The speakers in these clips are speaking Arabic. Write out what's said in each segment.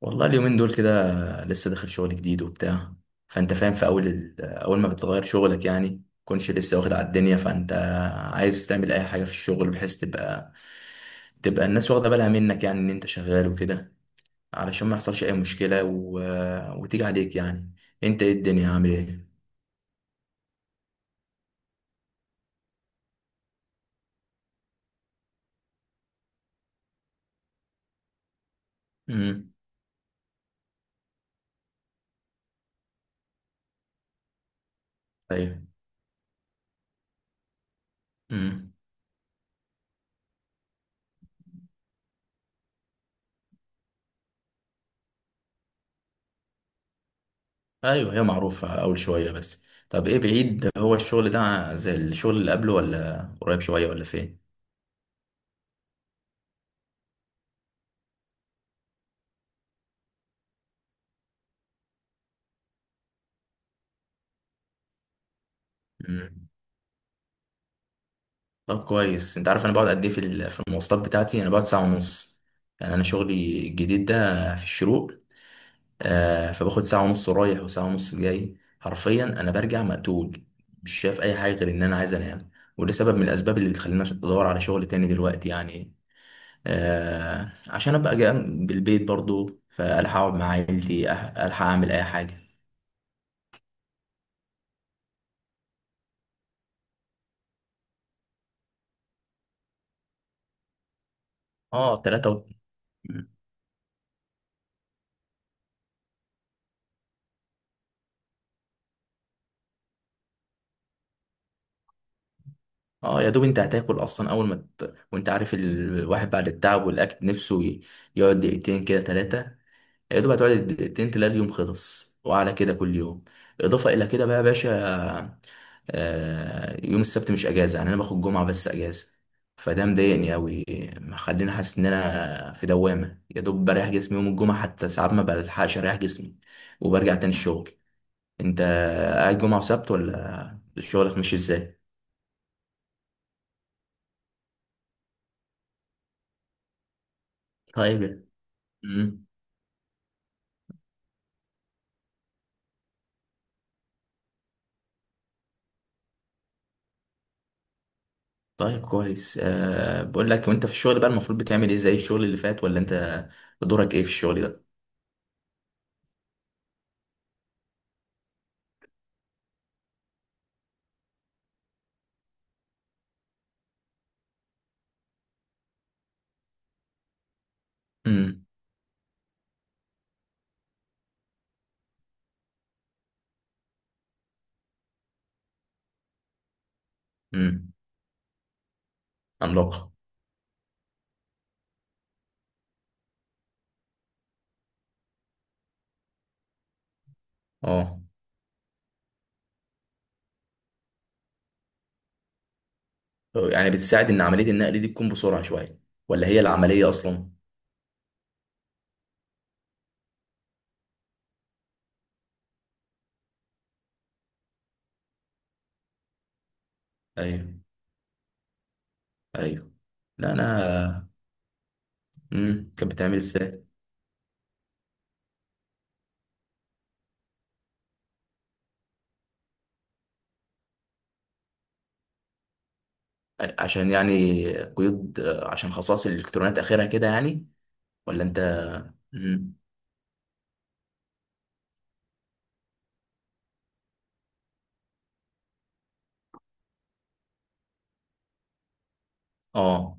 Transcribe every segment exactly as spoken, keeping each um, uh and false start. والله اليومين دول كده لسه داخل شغل جديد وبتاع، فانت فاهم في اول ال- اول ما بتغير شغلك يعني كنتش لسه واخد على الدنيا، فانت عايز تعمل اي حاجه في الشغل بحيث تبقى تبقى الناس واخده بالها منك، يعني ان انت شغال وكده علشان ما يحصلش اي مشكله و... وتيجي عليك يعني انت ايه الدنيا عامل ايه؟ امم. ايوه. امم. ايوه، هي معروفه اول شويه بس. طب ايه، بعيد هو الشغل ده زي الشغل اللي قبله ولا قريب شويه ولا فين؟ طب كويس، انت عارف انا بقعد قد ايه في ال- في المواصلات بتاعتي؟ انا بقعد ساعه ونص، يعني انا شغلي الجديد ده في الشروق. آه فباخد ساعه ونص رايح وساعه ونص جاي، حرفيا انا برجع مقتول، مش شايف اي حاجه غير ان انا عايز انام. وده سبب من الاسباب اللي بتخليني ادور على شغل تاني دلوقتي يعني، آه عشان ابقى جنب البيت برضو، فالحق اقعد مع عيلتي، أح- الحق اعمل اي حاجه. اه، تلاتة و... اه، يا دوب انت هتاكل اصلا اول ما ت... وانت عارف الواحد بعد التعب والاكل نفسه ي- يقعد دقيقتين كده، ثلاثه. يا دوب هتقعد دقيقتين تلاقي اليوم خلص، وعلى كده كل يوم. اضافه الى كده بقى يا باشا، آه، يوم السبت مش اجازه، يعني انا باخد جمعه بس اجازه، فده مضايقني قوي، مخليني حاسس ان انا في دوامه، يا دوب بريح جسمي يوم الجمعه، حتى ساعات ما بلحقش اريح جسمي وبرجع تاني الشغل. انت قاعد جمعه وسبت ولا شغلك مش ازاي؟ طيب. امم. طيب كويس. أه بقول لك، وانت في الشغل بقى المفروض بتعمل ايه زي الشغل اللي فات؟ ولا انت دورك ايه في الشغل ده؟ امم. امم. عملاقة. اه. يعني بتساعد ان عملية النقل دي تكون بسرعة شوية، ولا هي العملية اصلا؟ ايوه. ايوه. لا انا. امم كانت بتعمل ازاي؟ ع- عشان يعني قيود، آه، عشان خصائص الالكترونات اخرها كده يعني. ولا انت. امم. اه.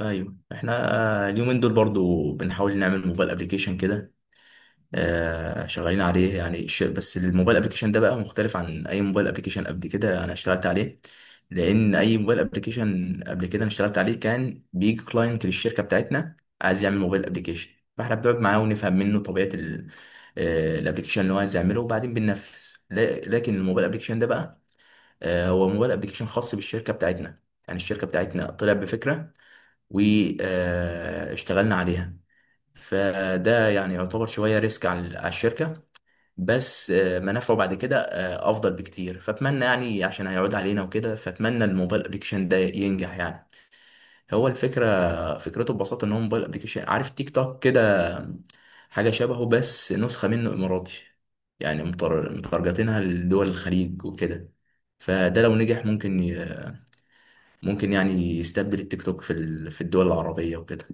ايوه. احنا آه، اليومين دول برضو بنحاول نعمل موبايل ابلكيشن كده، آه، شغالين عليه يعني ش- بس الموبايل ابلكيشن ده بقى مختلف عن اي موبايل ابلكيشن قبل كده انا اشتغلت عليه، لان اي موبايل ابلكيشن قبل كده انا اشتغلت عليه كان بيجي كلاينت للشركه بتاعتنا عايز يعمل موبايل ابلكيشن، فاحنا بنقعد معاه ونفهم منه طبيعه الابلكيشن اللي هو عايز يعمله، وبعدين بننفذ. ل- لكن الموبايل ابلكيشن ده بقى، آه، هو موبايل ابلكيشن خاص بالشركه بتاعتنا، يعني الشركه بتاعتنا طلع بفكره واشتغلنا عليها. فده يعني يعتبر شويه ريسك على على الشركه، بس آه، منافعه بعد كده آه، افضل بكتير، فاتمنى يعني، عشان هيعود علينا وكده، فاتمنى الموبايل ابلكيشن ده ينجح يعني. هو الفكره، فكرته ببساطه، ان هو موبايل ابلكيشن، عارف تيك توك كده، حاجه شبهه، بس نسخه منه اماراتي، يعني متر- مترجتينها لدول الخليج وكده. فده لو نجح ممكن ي... ممكن يعني يستبدل التيك توك في ال... في الدول العربيه وكده.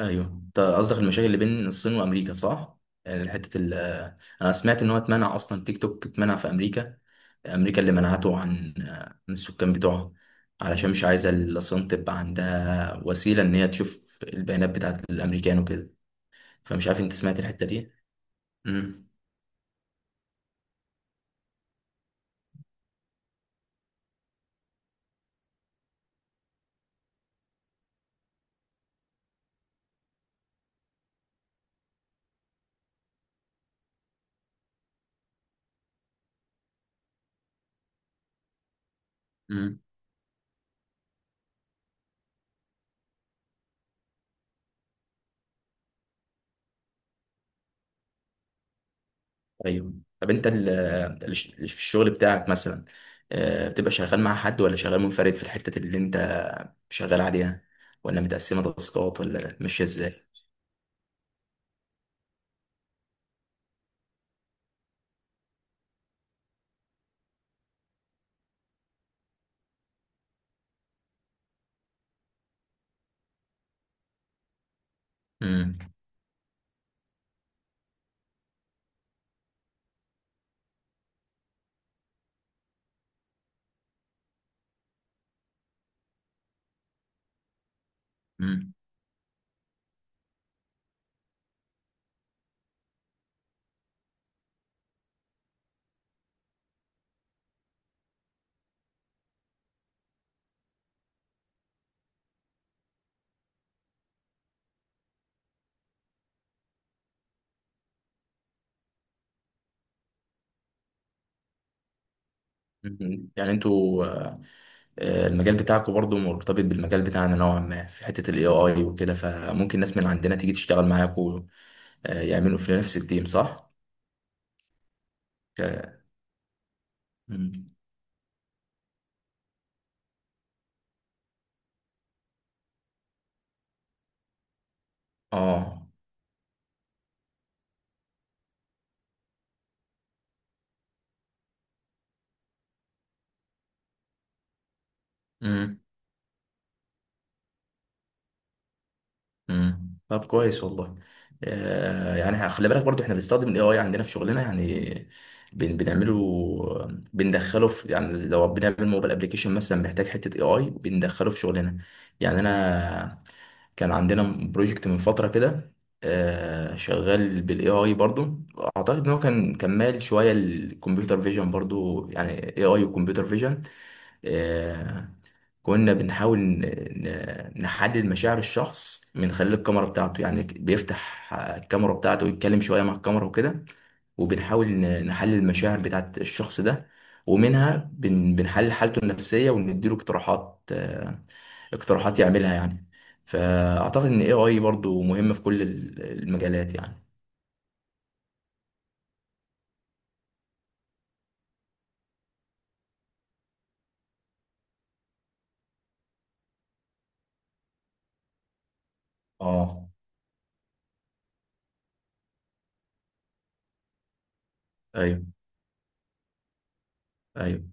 ايوه، انت قصدك المشاكل اللي بين الصين وامريكا، صح؟ يعني حته ال انا سمعت ان هو اتمنع، اصلا تيك توك اتمنع في امريكا، امريكا اللي منعته عن من السكان بتوعها، علشان مش عايزه الصين تبقى عندها وسيله ان هي تشوف البيانات بتاعت الامريكان وكده. فمش عارف انت سمعت الحته دي؟ امم. مم. ايوه. طب انت ال- ال- في الشغل بتاعك مثلا، آه، بتبقى شغال مع حد ولا شغال منفرد في الحته اللي انت شغال عليها؟ ولا متقسمه تاسكات ولا ماشيه ازاي؟ مم. مم. مم. يعني انتوا، آه، آه، المجال بتاعكم برضو مرتبط بالمجال بتاعنا نوعا ما في حتة الاي اي وكده، فممكن ناس من عندنا تيجي تشتغل معاكم، آه، يعملوا في نفس التيم، صح؟ ك... مم. اه. مم. مم. طب كويس والله. آه يعني خلي بالك برضو احنا بنستخدم الاي اي عندنا في شغلنا يعني، بن بنعمله، بندخله في، يعني لو بنعمل موبايل ابلكيشن مثلا محتاج حته اي اي بندخله في شغلنا. يعني انا كان عندنا بروجكت من فتره كده، آه شغال بالاي اي برضو، اعتقد ان هو كان كمال شويه الكمبيوتر فيجن برضو يعني، اي اي وكمبيوتر فيجن. كنا بنحاول ن- ن- نحلل مشاعر الشخص من خلال الكاميرا بتاعته، يعني بيفتح الكاميرا بتاعته ويتكلم شوية مع الكاميرا وكده، وبنحاول ن- نحلل المشاعر بتاعت الشخص ده، ومنها بن- بنحلل حالته النفسية ونديله اقتراحات، آه، اقتراحات يعملها يعني. فأعتقد إن إيه آي برضو مهم في كل ال- المجالات يعني. اه. ايوه. ايوه.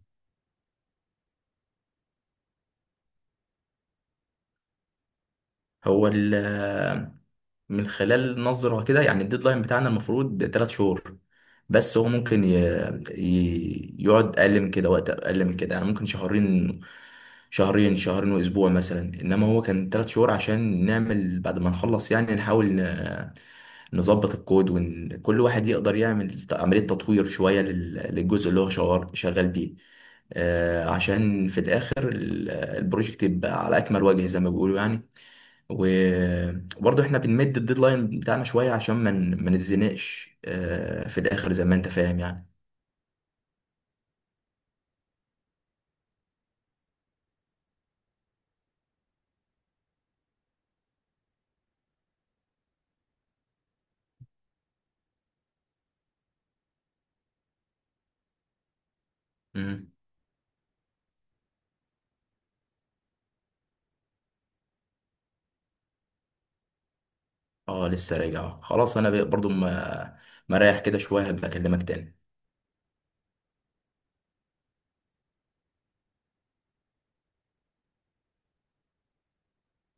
هو ال من خلال نظرة كده يعني، الديدلاين بتاعنا المفروض تلات شهور، بس هو ممكن ي... ي... يقعد أقل من كده، وقت أقل من كده، يعني ممكن شهرين، شهرين شهرين، وأسبوع مثلا، إنما هو كان تلات شهور عشان نعمل بعد ما نخلص يعني، نحاول ن... نظبط الكود وكل واحد يقدر يعمل ت- عملية تطوير شوية لل... للجزء اللي هو شغال شغال بيه، آه، عشان في الآخر ال- البروجكت يبقى على أكمل وجه زي ما بيقولوا يعني. و- وبرضه احنا بنمد الديدلاين بتاعنا شوية عشان ما ن- ما نتزنقش آه، في الآخر زي ما انت فاهم يعني. مم. اه، لسه راجع. آه، خلاص انا ب- برضه ما مريح كده شوية، هبقى اكلمك تاني.